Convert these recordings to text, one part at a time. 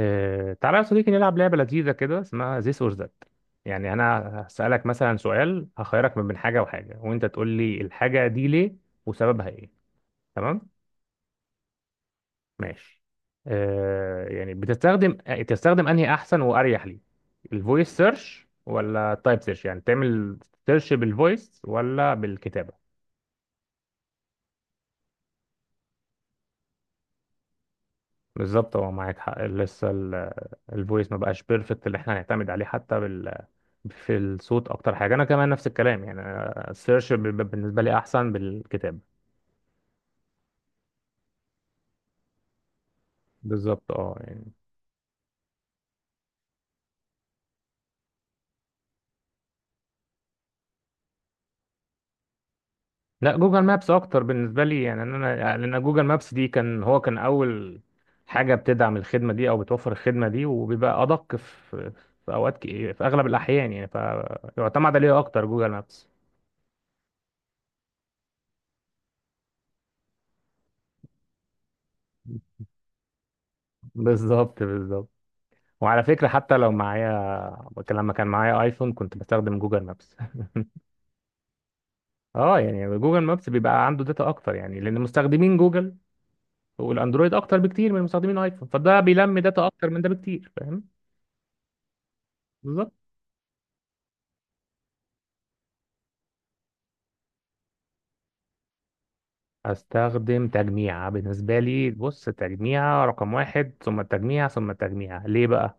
تعالى يا صديقي، نلعب لعبة لذيذة كده اسمها this or that. يعني أنا هسألك مثلا سؤال، هخيرك من بين حاجة وحاجة وأنت تقول لي الحاجة دي ليه وسببها إيه. تمام؟ ماشي. يعني تستخدم أنهي أحسن وأريح لي، الفويس سيرش ولا التايب سيرش؟ يعني تعمل سيرش بالفويس ولا بالكتابة؟ بالظبط، هو معاك حق. لسه الفويس ما بقاش بيرفكت اللي احنا هنعتمد عليه حتى في الصوت. اكتر حاجه انا كمان نفس الكلام، يعني أنا السيرش بيبقى بالنسبه لي احسن بالكتاب. بالظبط، اه يعني. لا، جوجل مابس اكتر بالنسبه لي، يعني إن انا يعني لان جوجل مابس دي كان هو كان اول حاجه بتدعم الخدمه دي او بتوفر الخدمه دي، وبيبقى ادق في اغلب الاحيان، يعني فيعتمد عليه اكتر جوجل مابس. بالظبط بالظبط. وعلى فكره حتى لو معايا، لما كان معايا ايفون كنت بستخدم جوجل مابس. اه يعني جوجل مابس بيبقى عنده داتا اكتر، يعني لان مستخدمين جوجل والاندرويد اكتر بكتير من مستخدمين الايفون، فده بيلم داتا اكتر من ده بكتير، فاهم؟ بالظبط. هستخدم تجميع بالنسبة لي. بص، تجميع رقم واحد ثم التجميع ثم التجميع. ليه بقى؟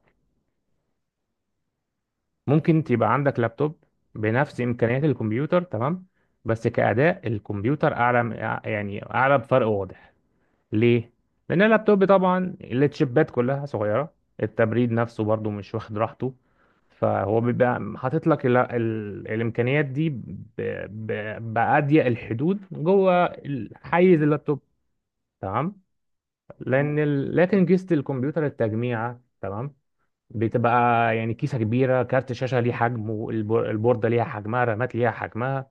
ممكن تبقى عندك لابتوب بنفس إمكانيات الكمبيوتر، تمام، بس كأداء الكمبيوتر أعلى، يعني أعلى بفرق واضح. ليه؟ لأن اللابتوب طبعا التشيبات كلها صغيرة، التبريد نفسه برضو مش واخد راحته، فهو بيبقى حاطط لك ال ال الإمكانيات دي بأضيق الحدود جوه حيز اللابتوب، تمام؟ لأن ال لكن كيسة الكمبيوتر التجميعة، تمام؟ بتبقى يعني كيسة كبيرة، كارت شاشة ليه حجمه، البوردة ليها حجمها، رامات ليها حجمها،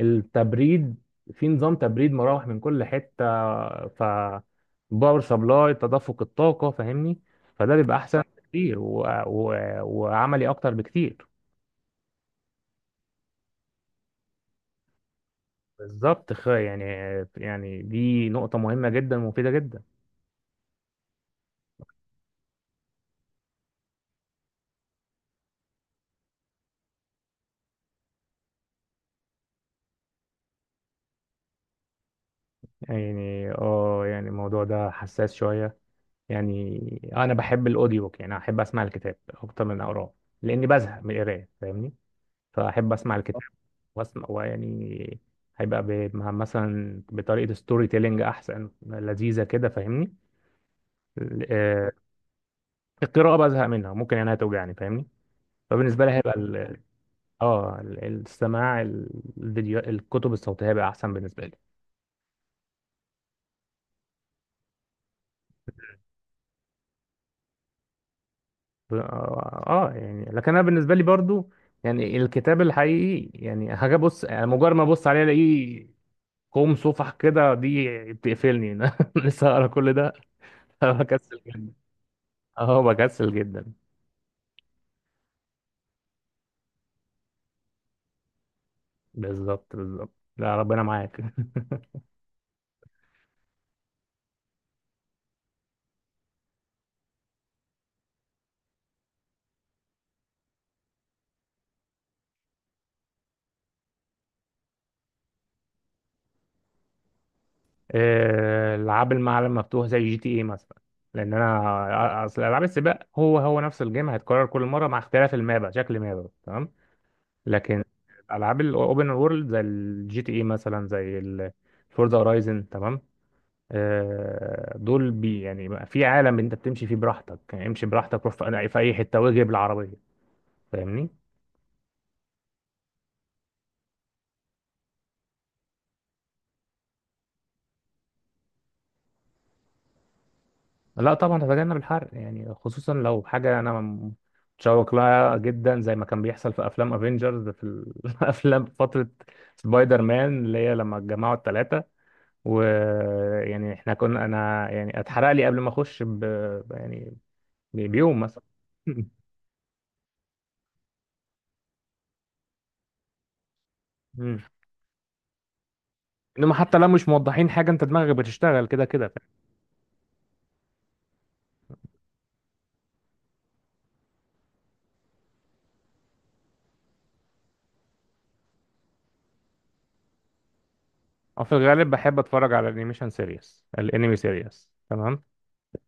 التبريد، في نظام تبريد مراوح من كل حتة، ف باور سبلاي تدفق الطاقة، فاهمني؟ فده بيبقى أحسن بكتير وعملي أكتر بكتير. بالظبط، يعني دي نقطة مهمة جدا ومفيدة جدا. يعني اه يعني الموضوع ده حساس شوية. يعني أنا بحب الأوديو بوك، يعني أحب أسمع الكتاب أكتر من أقراه لأني بزهق من القراية، فاهمني؟ فأحب أسمع الكتاب واسمع، ويعني هيبقى مثلا بطريقة ستوري تيلينج أحسن، لذيذة كده، فاهمني؟ ال- آه، القراءة بزهق منها ممكن يعني هتوجعني، فاهمني؟ فبالنسبة لي هيبقى السماع، الفيديو، الكتب الصوتية هيبقى أحسن بالنسبة لي. ب- اه يعني لكن أنا بالنسبة لي برضو يعني الكتاب الحقيقي، يعني هاجي أبص، يعني مجرد ما أبص عليه ألاقيه كوم صفح كده، دي بتقفلني. لسه هقرا كل ده؟ بكسل جدا. اه بكسل جدا. بالظبط بالظبط، لا ربنا معاك. العاب المعالم مفتوح زي جي تي اي مثلا، لان انا اصل العاب السباق هو هو نفس الجيم هيتكرر كل مره مع اختلاف المابا، شكل مابا، تمام. لكن العاب الاوبن وورلد زي الجي تي اي مثلا، زي الفورزا هورايزن، تمام. دول بي يعني بقى في عالم انت بتمشي فيه براحتك، يعني امشي براحتك، روح في اي حته واجري بالعربيه، فاهمني؟ لا طبعا هتجنب الحرق، يعني خصوصا لو حاجة أنا متشوق لها جدا، زي ما كان بيحصل في أفلام أفينجرز في الأفلام. فترة سبايدر مان اللي هي لما اتجمعوا التلاتة، ويعني إحنا كنا أنا يعني اتحرق لي قبل ما أخش يعني بيوم مثلا. مم. إنما حتى لو مش موضحين حاجة أنت دماغك بتشتغل كده كده، فاهم؟ أو في الغالب بحب أتفرج على الأنيميشن سيريس، الأنمي سيريس، تمام.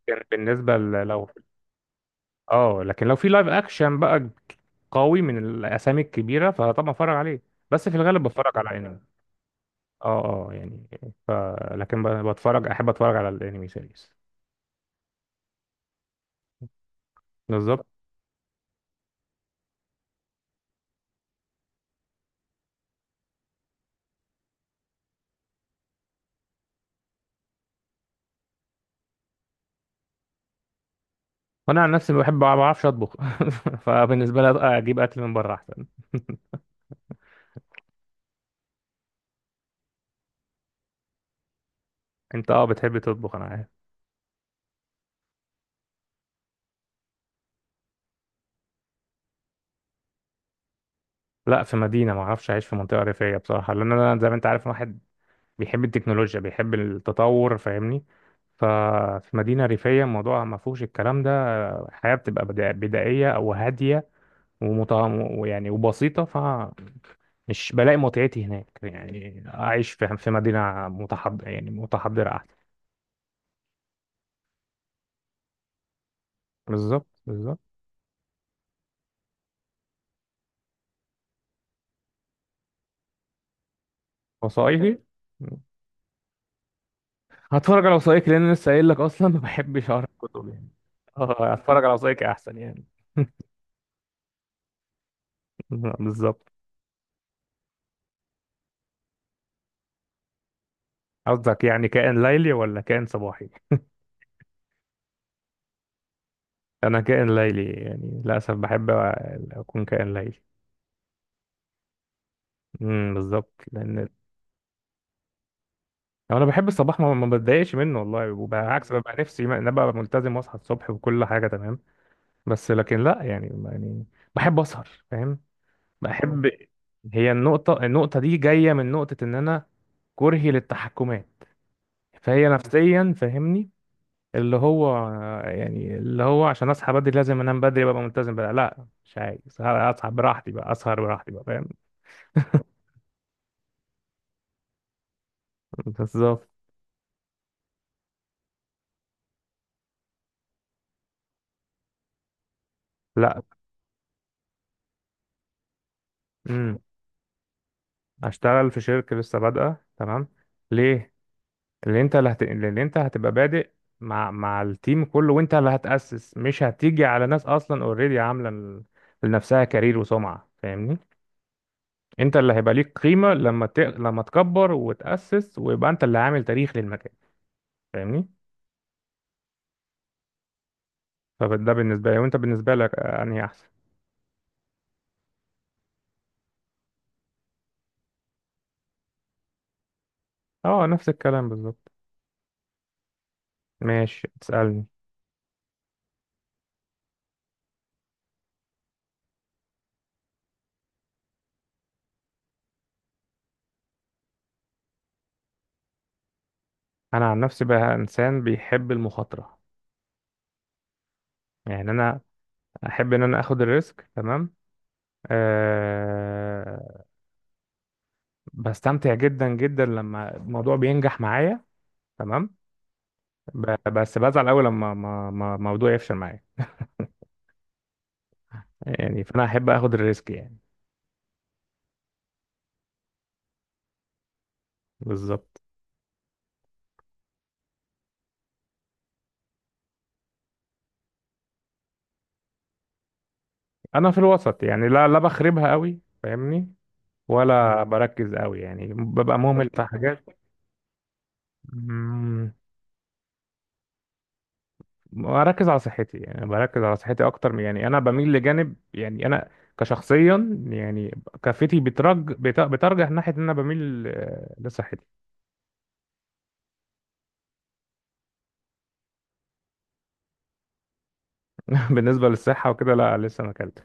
كان بالنسبة لو اه لكن لو في لايف اكشن بقى قوي من الاسامي الكبيره، فطبعا اتفرج عليه. بس في الغالب بتفرج على انمي. اه اه يعني ف... لكن بتفرج، احب اتفرج على الانمي سيريز. بالظبط. وانا عن نفسي ما بعرفش اطبخ. فبالنسبه لي اجيب اكل من بره احسن. انت اه بتحب تطبخ، انا عارف. لا في مدينه، ما اعرفش اعيش في منطقه ريفيه بصراحه، لان انا زي ما انت عارف واحد بيحب التكنولوجيا، بيحب التطور، فاهمني؟ ففي مدينه ريفيه الموضوع ما فيهوش الكلام ده، الحياه بتبقى بدائيه او هاديه ومطعم ويعني وبسيطة، فمش بلاقي متعتي هناك. يعني أعيش في مدينة متحضر، يعني متحضرة، أحسن. بالظبط بالظبط. وثائقي. هتفرج على وثائقي لأن أنا لسه قايل لك أصلا ما بحبش أقرأ كتب يعني. اه هتفرج على وثائقي أحسن يعني. بالظبط. قصدك يعني كائن ليلي ولا كائن صباحي؟ أنا كائن ليلي يعني، للأسف بحب أكون كائن ليلي. بالظبط لأن يعني انا بحب الصباح، ما بتضايقش منه والله، وبالعكس ببقى نفسي ان أنا ابقى ملتزم واصحى الصبح وكل حاجه تمام. بس لكن لا يعني يعني بحب اسهر، فاهم؟ بحب. هي النقطه دي جايه من نقطه ان انا كرهي للتحكمات، فهي نفسيا فاهمني، اللي هو يعني اللي هو عشان اصحى بدري لازم انام بدري ببقى ملتزم بقى، لا مش عايز، اصحى براحتي بقى، اسهر براحتي بقى، فاهم؟ بالظبط. لا. امم اشتغل في شركه لسه بادئه، تمام. ليه؟ اللي انت، اللي انت هتبقى بادئ مع التيم كله، وانت اللي هتأسس، مش هتيجي على ناس اصلا اوريدي عامله لنفسها كارير وسمعه، فاهمني؟ انت اللي هيبقى ليك قيمه لما لما تكبر وتأسس ويبقى انت اللي عامل تاريخ للمكان، فاهمني؟ فده بالنسبه لي، وانت بالنسبه لك انهي احسن؟ اه نفس الكلام بالظبط. ماشي تسألني. انا عن نفسي بقى انسان بيحب المخاطره، يعني انا احب ان انا اخد الريسك، تمام. آه، بستمتع جدا جدا لما الموضوع بينجح معايا، تمام. بس بزعل قوي لما ما موضوع يفشل معايا، يعني فانا احب اخد الريسك يعني. بالظبط. انا في الوسط يعني، لا لا بخربها قوي، فاهمني؟ ولا بركز قوي، يعني ببقى مهمل في حاجات. مم، بركز على صحتي، يعني بركز على صحتي اكتر يعني انا بميل لجانب، يعني انا كشخصيا يعني كفتي بترجح ناحيه ان انا بميل لصحتي. بالنسبه للصحه وكده، لا لسه ما اكلتش.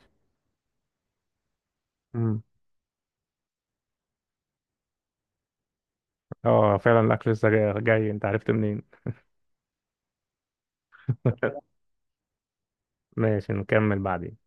مم. اه فعلا الاكل لسه جاي, جاي انت عرفت منين؟ ماشي نكمل بعدين.